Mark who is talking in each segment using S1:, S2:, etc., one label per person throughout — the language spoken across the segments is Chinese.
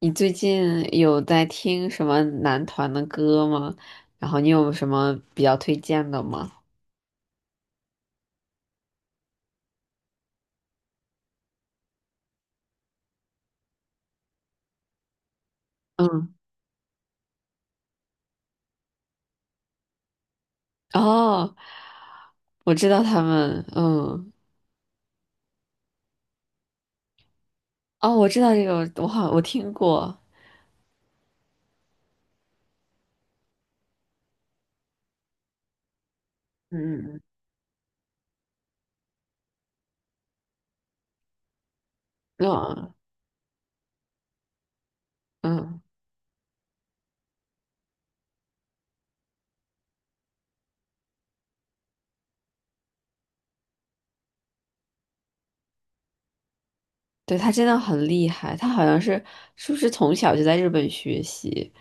S1: 你最近有在听什么男团的歌吗？然后你有什么比较推荐的吗？嗯。哦，我知道他们，嗯。哦，我知道这个，我听过。嗯嗯嗯，嗯嗯。对，他真的很厉害，他好像是不是从小就在日本学习，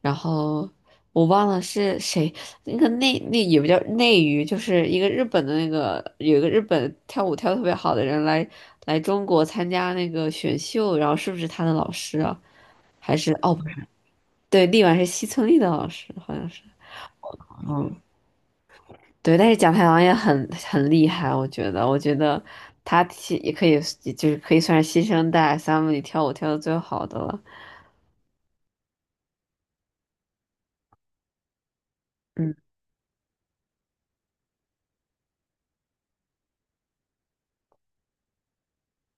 S1: 然后我忘了是谁，那个内那也不叫内娱，就是一个日本的那个有一个日本跳舞跳得特别好的人来中国参加那个选秀，然后是不是他的老师啊？还是哦不是，对，力丸是西村力的老师，好像是。嗯，对，但是蒋太郎也很厉害，我觉得他其也可以，就是可以算是新生代 SM 里跳舞跳的最好的了。嗯，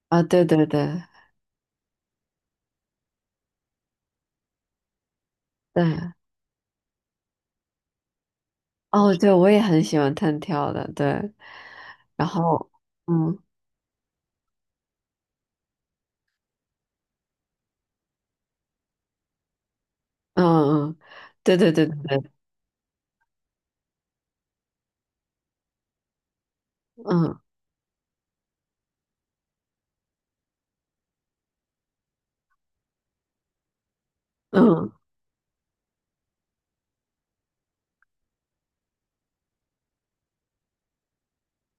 S1: 啊，对对对对。哦，对，我也很喜欢弹跳的，对。然后，嗯嗯嗯，对对对对对，嗯嗯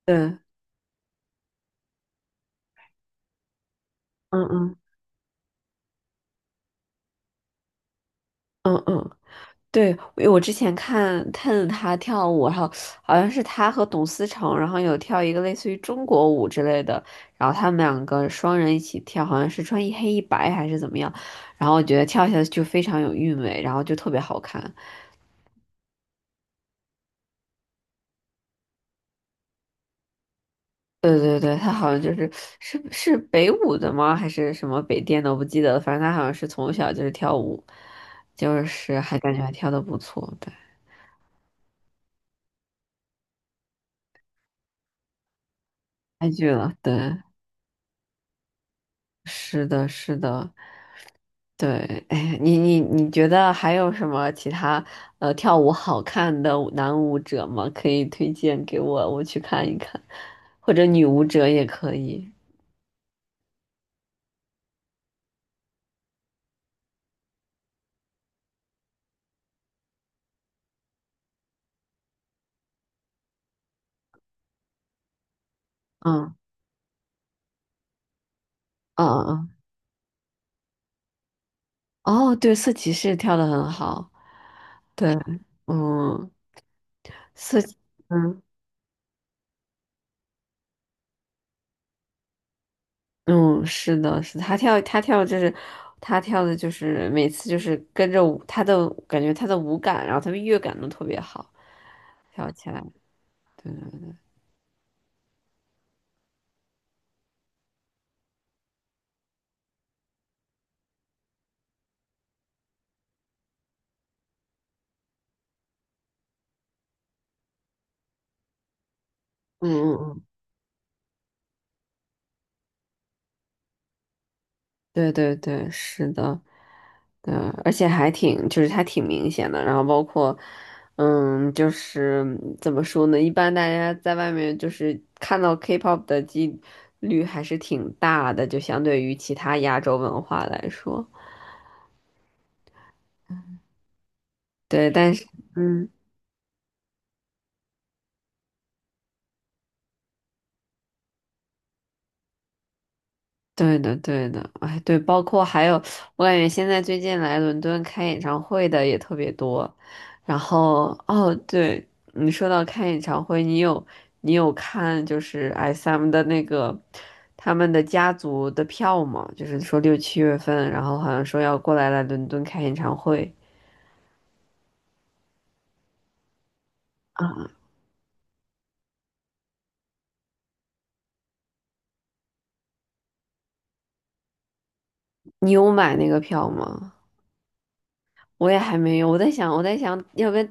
S1: 对，嗯嗯嗯嗯。对，因为我之前看看他跳舞，然后好像是他和董思成，然后有跳一个类似于中国舞之类的，然后他们两个双人一起跳，好像是穿一黑一白还是怎么样，然后我觉得跳起来就非常有韵味，然后就特别好看。对对对，他好像就是是北舞的吗？还是什么北电的？我不记得了。反正他好像是从小就是跳舞，就是还感觉还跳的不错。对。开剧了。对，是的，是的，对。哎，你觉得还有什么其他跳舞好看的舞男舞者吗？可以推荐给我，我去看一看，或者女舞者也可以。嗯嗯嗯嗯。哦，对，色骑士跳的很好。对，嗯，色。嗯。嗯，是的，是的，他跳就是他跳的，就是每次就是跟着舞他的感觉他的舞感，然后他的乐感都特别好，跳起来，对，嗯嗯嗯，对对对，是的，对。而且还挺就是他挺明显的，然后包括就是怎么说呢，一般大家在外面就是看到 K-pop 的几率还是挺大的，就相对于其他亚洲文化来说，对，但是。嗯。对的，对的，哎，对，包括还有，我感觉现在最近来伦敦开演唱会的也特别多。然后，哦，对，你说到开演唱会，你有看就是 SM 的那个他们的家族的票吗？就是说六七月份，然后好像说要过来伦敦开演唱会。啊，你有买那个票吗？我也还没有，我在想要不要，因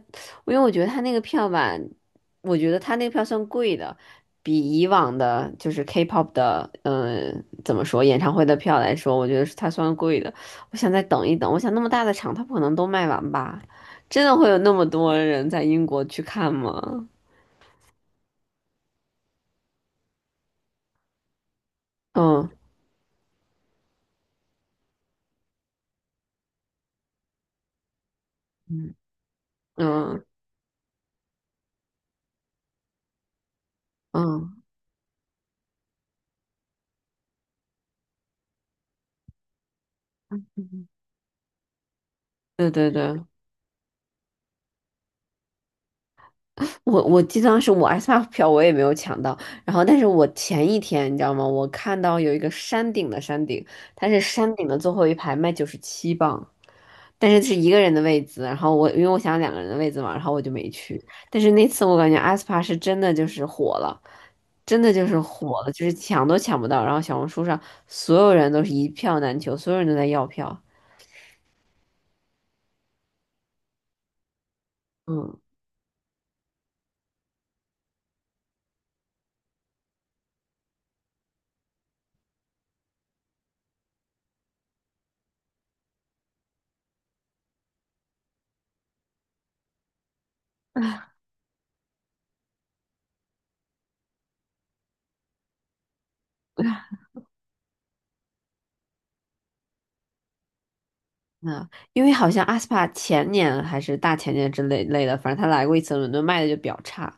S1: 为我觉得他那个票吧，我觉得他那个票算贵的，比以往的就是 K-pop 的，怎么说，演唱会的票来说，我觉得是他算贵的。我想再等一等，我想那么大的场，他不可能都卖完吧？真的会有那么多人在英国去看吗？嗯嗯嗯嗯，对对对，我记得当时我 S M F 票我也没有抢到，然后但是我前一天你知道吗？我看到有一个山顶的山顶，它是山顶的最后一排卖九十七磅，但是是一个人的位子，然后我因为我想两个人的位子嘛，然后我就没去。但是那次我感觉 aespa 是真的就是火了，真的就是火了，就是抢都抢不到，然后小红书上所有人都是一票难求，所有人都在要票。嗯。嗯，因为好像阿斯帕前年还是大前年之类的，反正他来过一次伦敦，卖的就比较差，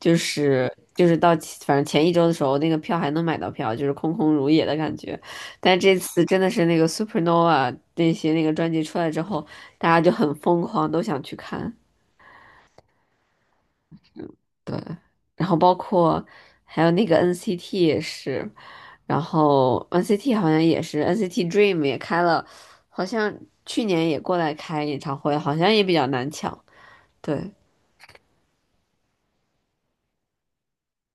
S1: 就是到其反正前一周的时候，那个票还能买到票，就是空空如也的感觉。但这次真的是那个 Supernova 那些那个专辑出来之后，大家就很疯狂，都想去看。对，然后包括还有那个 NCT 也是，然后 NCT 好像也是 NCT Dream 也开了，好像去年也过来开演唱会，好像也比较难抢，对，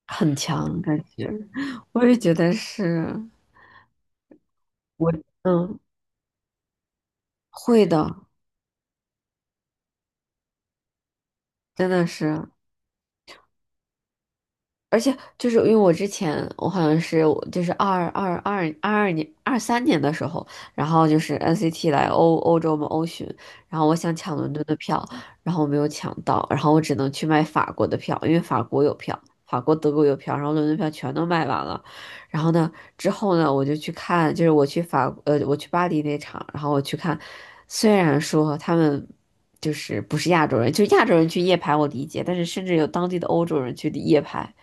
S1: 很强感觉。我也觉得是。我嗯会的，真的是。而且就是因为我之前我好像是我就是二二二二二年二三年的时候，然后就是 NCT 来欧洲嘛欧巡，然后我想抢伦敦的票，然后我没有抢到，然后我只能去买法国的票，因为法国有票，法国德国有票，然后伦敦票全都卖完了。然后呢，之后呢，我就去看，就是我我去巴黎那场，然后我去看，虽然说他们。就是不是亚洲人，就亚洲人去夜排我理解，但是甚至有当地的欧洲人去夜排，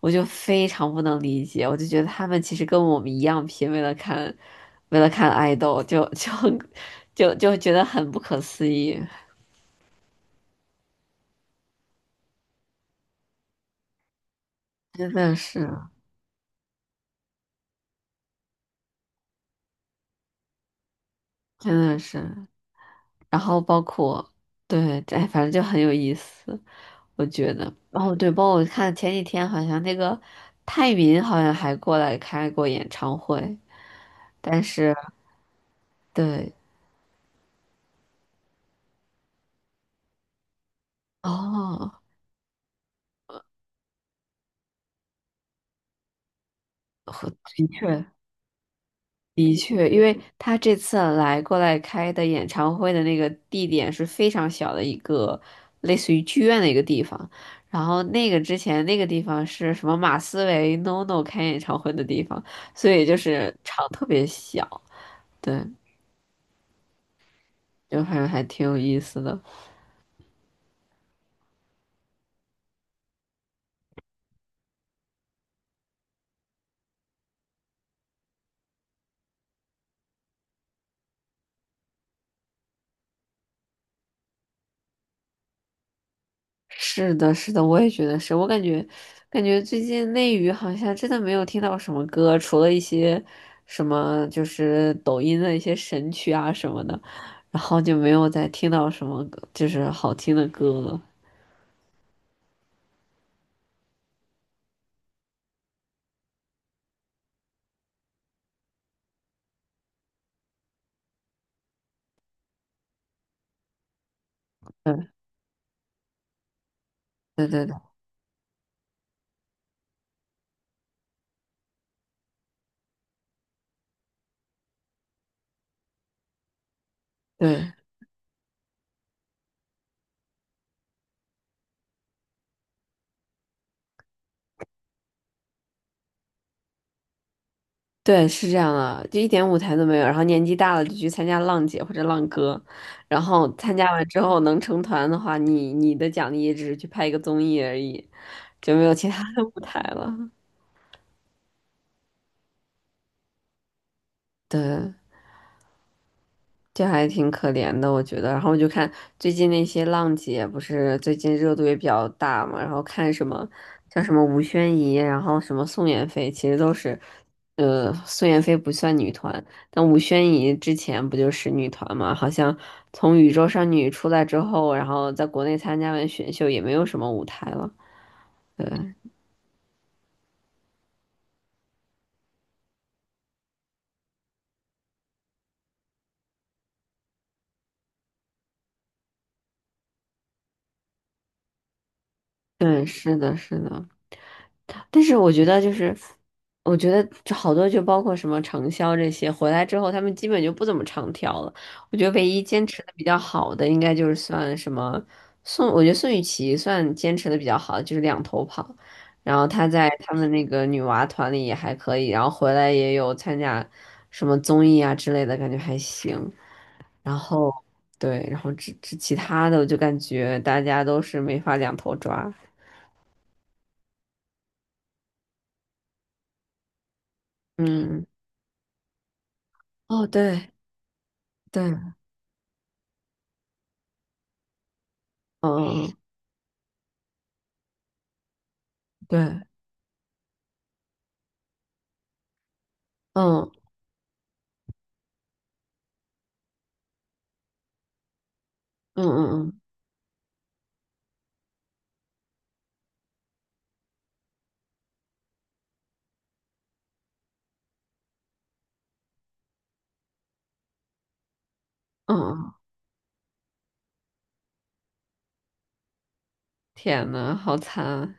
S1: 我就非常不能理解，我就觉得他们其实跟我们一样拼，为了看，为了看爱豆，就 就觉得很不可思议，真的是，真的是。然后包括对，哎，反正就很有意思，我觉得。哦，对，包括我看前几天好像那个泰民好像还过来开过演唱会，但是对。哦，的确。的确，因为他这次来过来开的演唱会的那个地点是非常小的一个，类似于剧院的一个地方。然后那个之前那个地方是什么马思唯 NONO 开演唱会的地方，所以就是场特别小。对，就反正还挺有意思的。是的，是的，我也觉得是。我感觉最近内娱好像真的没有听到什么歌，除了一些什么就是抖音的一些神曲啊什么的，然后就没有再听到什么歌就是好听的歌了。对对对对对，是这样的，就一点舞台都没有。然后年纪大了就去参加浪姐或者浪哥，然后参加完之后能成团的话，你的奖励也只是去拍一个综艺而已，就没有其他的舞台了。对。这还挺可怜的，我觉得。然后我就看最近那些浪姐，不是最近热度也比较大嘛，然后看什么像什么吴宣仪，然后什么宋妍霏，其实都是，宋妍霏不算女团，但吴宣仪之前不就是女团嘛？好像从宇宙少女出来之后，然后在国内参加完选秀，也没有什么舞台了。对，对，是的，是的。但是我觉得就是，我觉得就好多就包括什么长销这些，回来之后他们基本就不怎么长跳了。我觉得唯一坚持的比较好的，应该就是算什么宋，我觉得宋雨琦算坚持的比较好，的，就是两头跑。然后她在他们的那个女娃团里也还可以，然后回来也有参加什么综艺啊之类的，感觉还行。然后对，然后这其他的我就感觉大家都是没法两头抓。嗯，哦，对。对，嗯，对，嗯嗯嗯嗯嗯，天呐，好惨啊！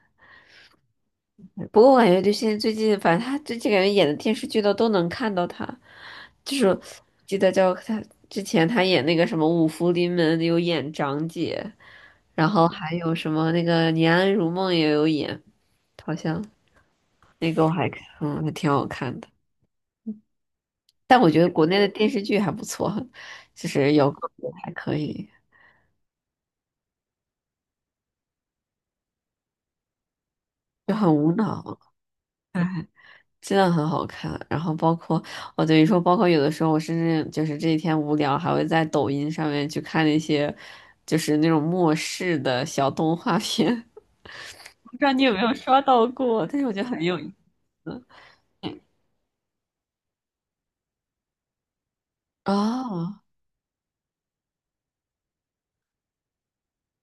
S1: 不过我感觉就现在最近，反正他最近感觉演的电视剧都能看到他，就是记得叫他之前他演那个什么《五福临门》有演长姐，然后还有什么那个《念安如梦》也有演，好像那个我还还挺好看的，但我觉得国内的电视剧还不错，就是有个别还可以，就很无脑。真的很好看。然后包括我等于说，包括有的时候我甚至就是这几天无聊，还会在抖音上面去看那些就是那种末世的小动画片。我不知道你有没有刷到过，但是我觉得很有意思。嗯哦，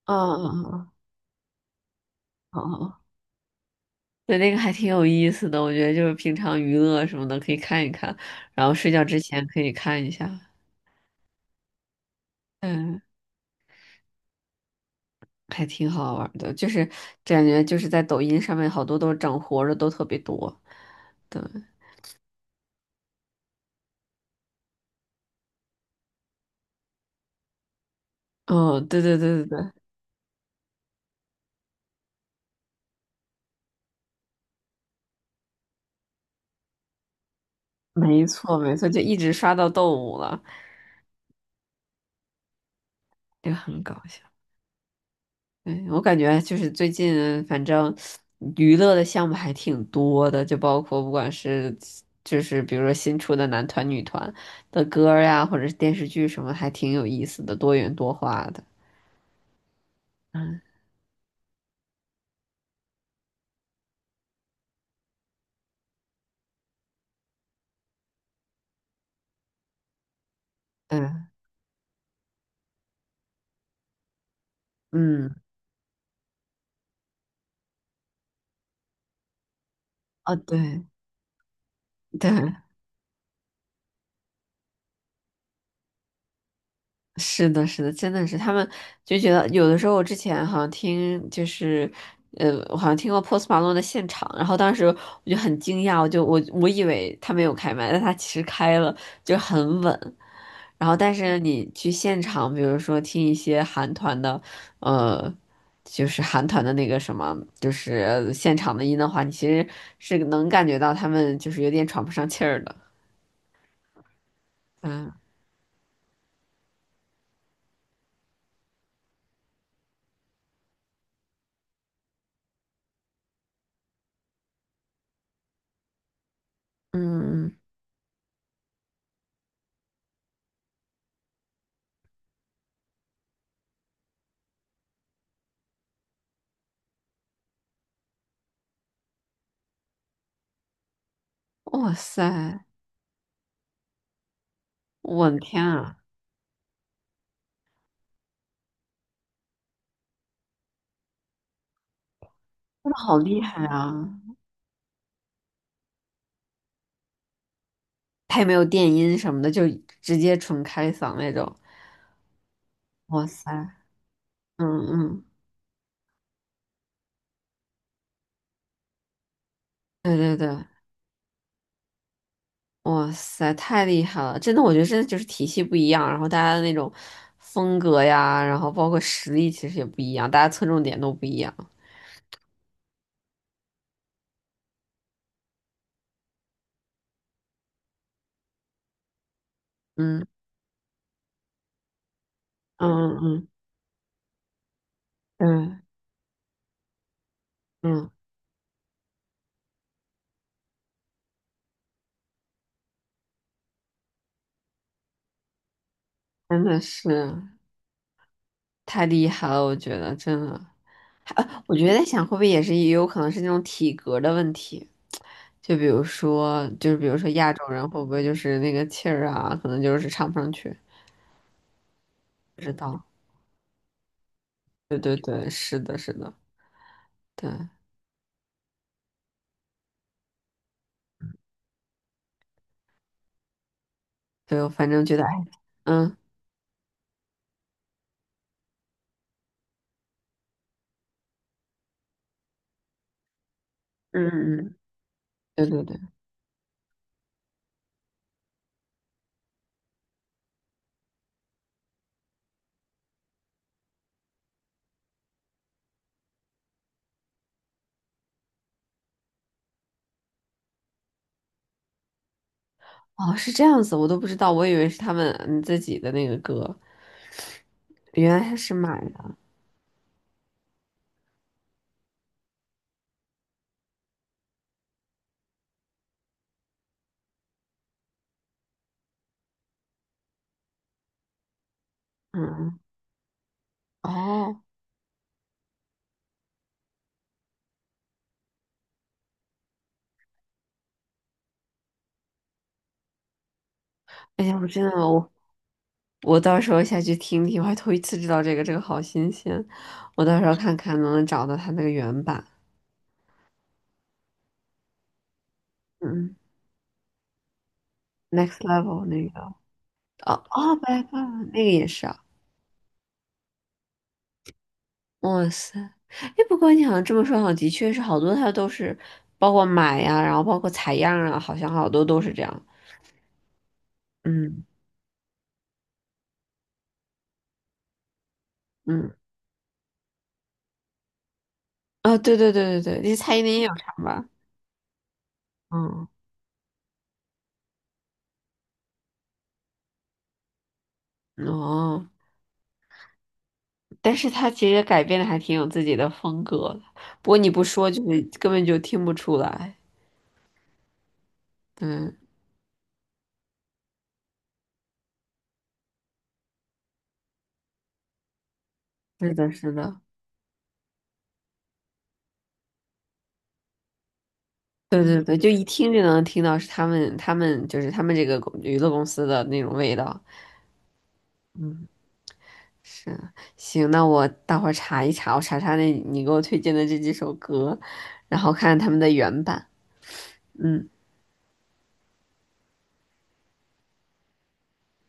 S1: 嗯嗯嗯哦，嗯对，那个还挺有意思的，我觉得就是平常娱乐什么的可以看一看，然后睡觉之前可以看一下，嗯，还挺好玩儿的，就是感觉就是在抖音上面好多都是整活儿的都特别多，对，哦，对对对对对，没错没错，就一直刷到动物了，这个很搞笑。对，我感觉就是最近反正娱乐的项目还挺多的，就包括不管是就是比如说新出的男团、女团的歌儿呀，或者是电视剧什么，还挺有意思的，多元多化的。嗯嗯嗯，哦对对，是的，是的，真的是他们就觉得有的时候，我之前好像听就是，我好像听过 Post Malone 的现场，然后当时我就很惊讶，我就我我以为他没有开麦，但他其实开了，就很稳。然后，但是你去现场，比如说听一些韩团的，呃，就是韩团的那个什么，就是现场的音的话，你其实是能感觉到他们就是有点喘不上气儿的。嗯嗯，哇塞，我的天啊！好厉害啊！他也没有电音什么的，就直接纯开嗓那种。哇塞，嗯嗯，对对对，哇塞，太厉害了！真的，我觉得真的就是体系不一样，然后大家的那种风格呀，然后包括实力其实也不一样，大家侧重点都不一样。嗯嗯嗯，嗯嗯嗯，真的是太厉害了，我觉得真的。啊，我觉得在想，会不会也是也有可能是那种体格的问题？就比如说，就是比如说亚洲人会不会就是那个气儿啊，可能就是唱不上去，不知道。对对对，是的，是的，对，对，我反正觉得，哎，嗯嗯嗯，对对对，哦，是这样子，我都不知道，我以为是他们自己的那个歌，原来是买的，嗯，哦。哎呀，我真的我到时候下去听听，我还头一次知道这个，这个好新鲜。我到时候看看能不能找到它那个原版。嗯，Next Level 那个，哦哦，Black t l e r 那个也是啊。哇塞，哎，不过你好像这么说，好像的确是好多它都是，包括买呀、然后包括采样啊，好像好多都是这样。嗯嗯，啊、对对对对对，那蔡依林也有唱吧？嗯哦。但是他其实改编的还挺有自己的风格的，不过你不说就是根本就听不出来。对，是的，是的，对对对，就一听就能听到是他们就是他们这个公娱乐公司的那种味道。是，行，那我待会儿查一查，我查查那你给我推荐的这几首歌，然后看看他们的原版。嗯，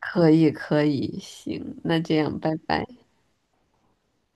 S1: 可以可以，行，那这样，拜拜。